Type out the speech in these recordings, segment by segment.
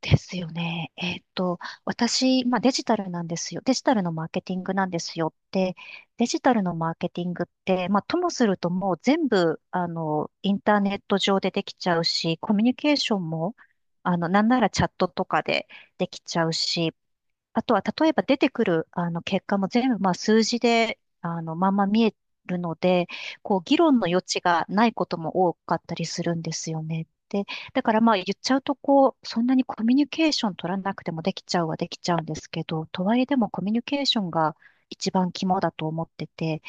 ですよね。私、まあ、デジタルなんですよ。デジタルのマーケティングなんですよって、デジタルのマーケティングって、まあ、ともするともう全部、インターネット上でできちゃうし、コミュニケーションも、なんならチャットとかでできちゃうし、あとは、例えば出てくる、結果も全部、まあ、数字で、まんま見えるので、こう、議論の余地がないことも多かったりするんですよね。で、だからまあ、言っちゃうと、こう、そんなにコミュニケーション取らなくてもできちゃうはできちゃうんですけど、とはいえでもコミュニケーションが一番肝だと思ってて、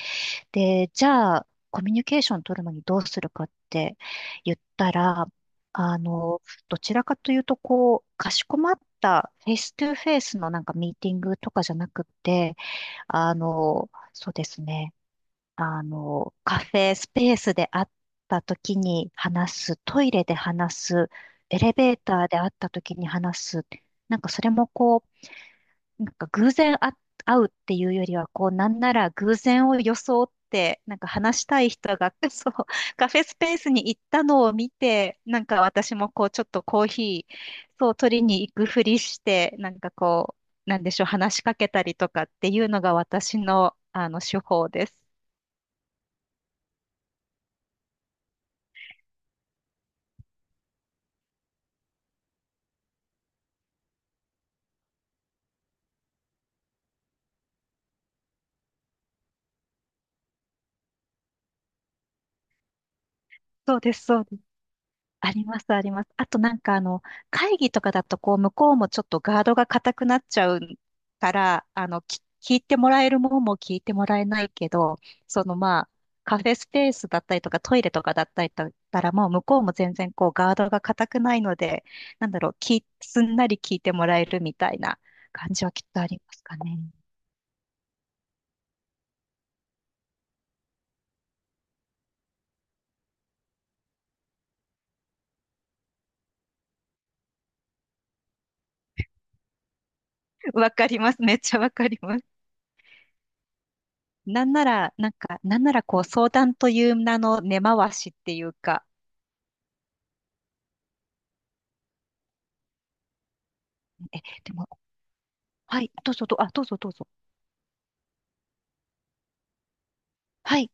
で、じゃあ、コミュニケーション取るのにどうするかって言ったら、あの、どちらかというと、こう、かしこまったフェイストゥフェイスのなんかミーティングとかじゃなくて、そうですね、カフェスペースで会った時に話す、トイレで話す、エレベーターで会った時に話す、なんかそれもこう、なんか偶然あ会うっていうよりは、こう、なんなら偶然を装って、なんか話したい人が、そう、カフェスペースに行ったのを見て、なんか私もこう、ちょっとコーヒー、そう、取りに行くふりして、なんかこう、なんでしょう、話しかけたりとかっていうのが私の、手法です。そうです、そうです。あります、あります。あとなんか会議とかだとこう、向こうもちょっとガードが硬くなっちゃうから、聞いてもらえるもんも聞いてもらえないけど、そのまあ、カフェスペースだったりとかトイレとかだったりだったらもう向こうも全然こうガードが硬くないので、すんなり聞いてもらえるみたいな感じはきっとありますかね。わかります。めっちゃわかります。なんなら、なんならこう相談という名の根回しっていうか、え、でもはい、どうぞどうぞ。はい、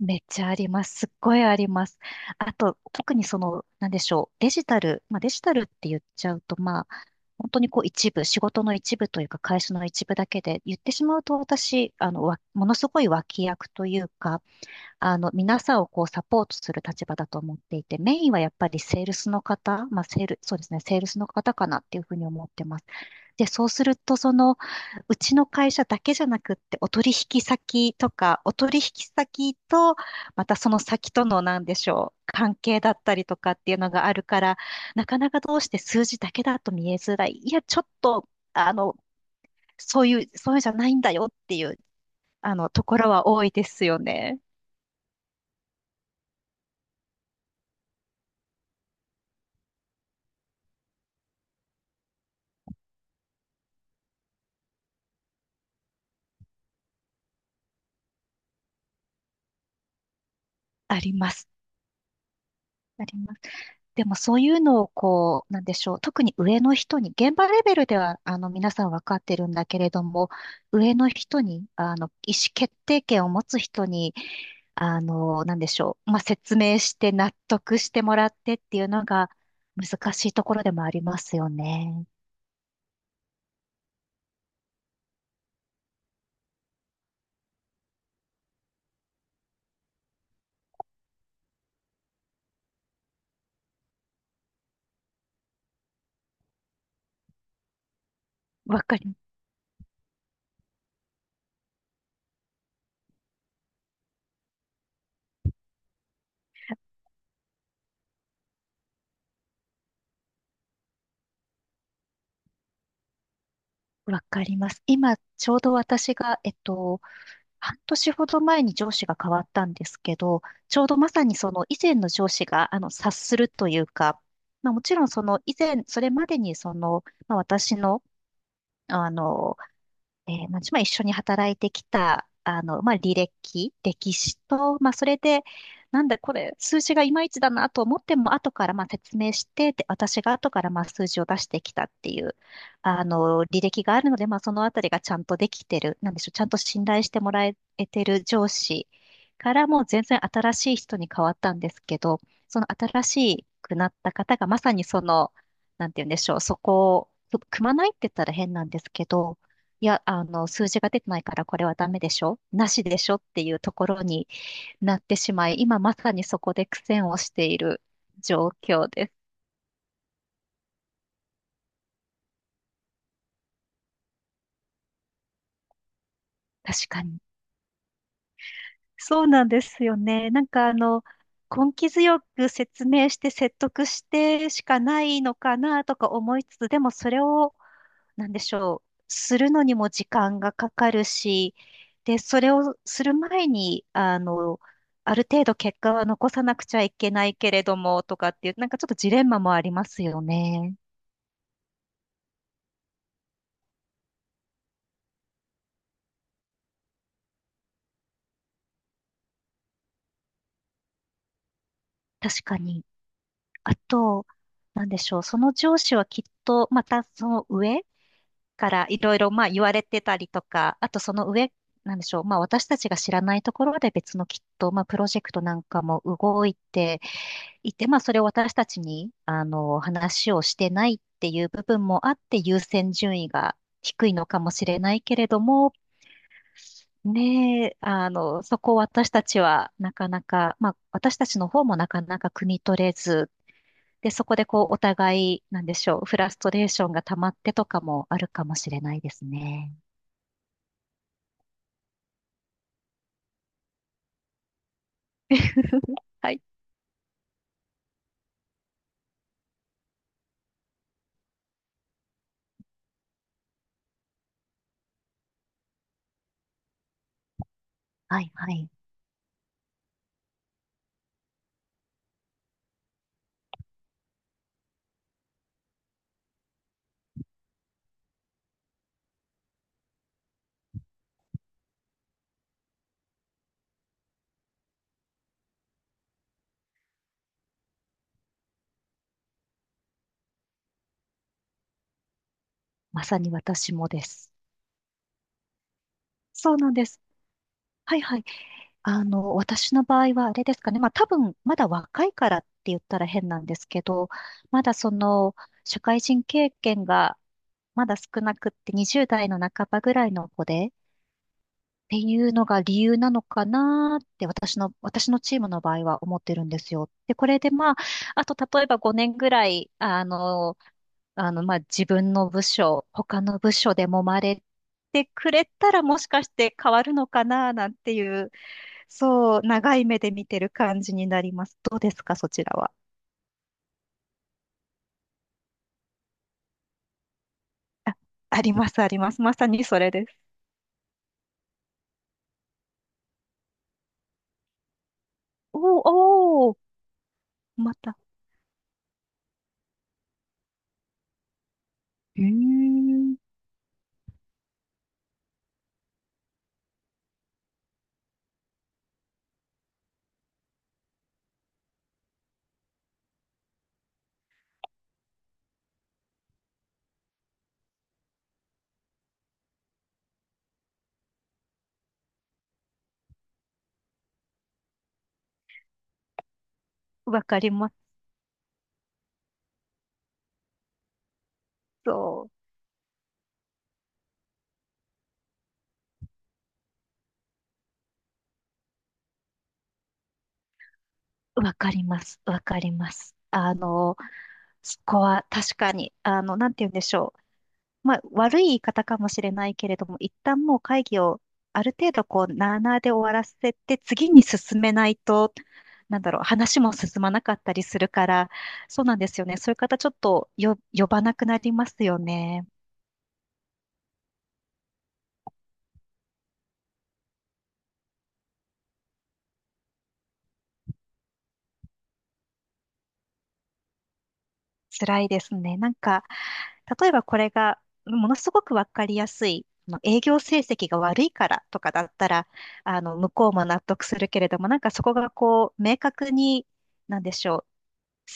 めっちゃあります。すっごいあります。あと、特にその、なんでしょう、デジタル、まあデジタルって言っちゃうと、まあ、本当にこう一部、仕事の一部というか、会社の一部だけで、言ってしまうと私、ものすごい脇役というか、皆さんをこうサポートする立場だと思っていて、メインはやっぱりセールスの方、まあ、セール、そうですね、セールスの方かなっていうふうに思ってます。で、そうすると、その、うちの会社だけじゃなくって、お取引先とか、お取引先と、またその先との、なんでしょう、関係だったりとかっていうのがあるから、なかなかどうして数字だけだと見えづらい。いや、ちょっと、そういうんじゃないんだよっていう、ところは多いですよね。あります。あります。でもそういうのをこう、なんでしょう、特に上の人に、現場レベルではあの皆さん分かってるんだけれども、上の人に、あの意思決定権を持つ人に、なんでしょう、まあ、説明して納得してもらってっていうのが難しいところでもありますよね。わかり、わかります。今、ちょうど私が、半年ほど前に上司が変わったんですけど、ちょうどまさにその以前の上司があの察するというか、まあ、もちろんその以前、それまでにその、まあ、私の、あのまあ一緒に働いてきた、まあ、履歴、歴史と、まあ、それで、なんだこれ、数字がいまいちだなと思っても、後からまあ説明して、で、私が後からまあ数字を出してきたっていう、履歴があるので、まあ、そのあたりがちゃんとできてる、なんでしょう、ちゃんと信頼してもらえてる上司からもう全然新しい人に変わったんですけど、その新しくなった方がまさにその、なんて言うんでしょう、そこを、組まないって言ったら変なんですけど、いや、数字が出てないからこれはダメでしょなしでしょっていうところになってしまい、今まさにそこで苦戦をしている状況です。確かに。そうなんですよね。なんかあの、根気強く説明して説得してしかないのかなとか思いつつ、でもそれをなんでしょう、するのにも時間がかかるし、で、それをする前に、ある程度結果は残さなくちゃいけないけれども、とかっていう、なんかちょっとジレンマもありますよね。確かに。あと、なんでしょう、その上司はきっと、またその上からいろいろ、まあ言われてたりとか、あとその上、なんでしょう、まあ私たちが知らないところで別のきっと、まあプロジェクトなんかも動いていて、まあ、それを私たちに、話をしてないっていう部分もあって、優先順位が低いのかもしれないけれども、ねえ、そこを私たちはなかなか、まあ、私たちの方もなかなか汲み取れず、で、そこでこう、お互い、なんでしょう、フラストレーションが溜まってとかもあるかもしれないですね。はい。はい、はい。まさに私もです。そうなんです。はい、はい。私の場合はあれですかね。まあ多分、まだ若いからって言ったら変なんですけど、まだその、社会人経験がまだ少なくって20代の半ばぐらいの子で、っていうのが理由なのかなって私のチームの場合は思ってるんですよ。で、これでまあ、あと例えば5年ぐらい、まあ自分の部署、他の部署で揉まれてくれたらもしかして変わるのかななんていうそう、長い目で見てる感じになります。どうですか、そちらは。あ、あります、あります。まさにそれです。おーおー、また。うーん、わかります。そう、わかります、わかります。そこは確かに、なんて言うんでしょう。まあ、悪い言い方かもしれないけれども、一旦もう会議をある程度こう、なあなあで終わらせて、次に進めないと、なんだろう、話も進まなかったりするから、そうなんですよね。そういう方、ちょっと呼ばなくなりますよね。辛いですね。なんか、例えばこれが、ものすごくわかりやすい、あの営業成績が悪いからとかだったら、向こうも納得するけれども、なんかそこがこう、明確に、なんでしょう。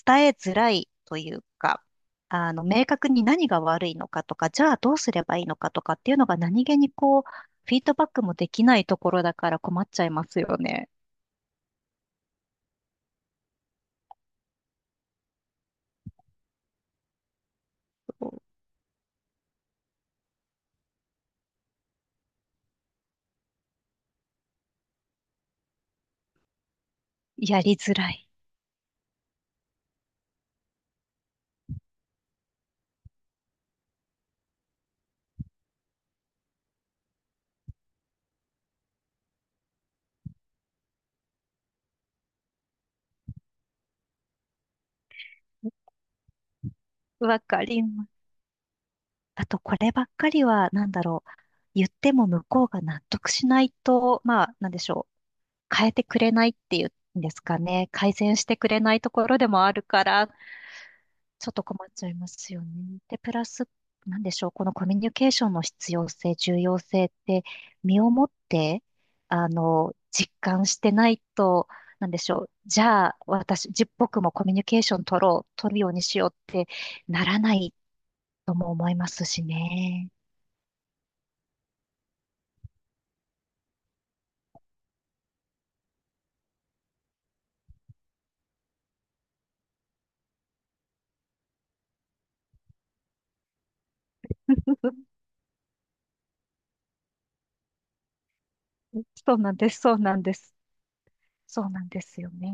伝えづらいというか、明確に何が悪いのかとか、じゃあどうすればいいのかとかっていうのが何気にこう、フィードバックもできないところだから困っちゃいますよね。やりづらい。わかります。あと、こればっかりは、なんだろう。言っても向こうが納得しないと、まあ、なんでしょう。変えてくれないっていうんですかね。改善してくれないところでもあるから、ちょっと困っちゃいますよね。で、プラス、なんでしょう、このコミュニケーションの必要性、重要性って、身をもって、実感してないと、なんでしょう、じゃあ、私、じ、僕もコミュニケーション取ろう、取るようにしようってならないとも思いますしね。そうなんです、そうなんです。そうなんですよね。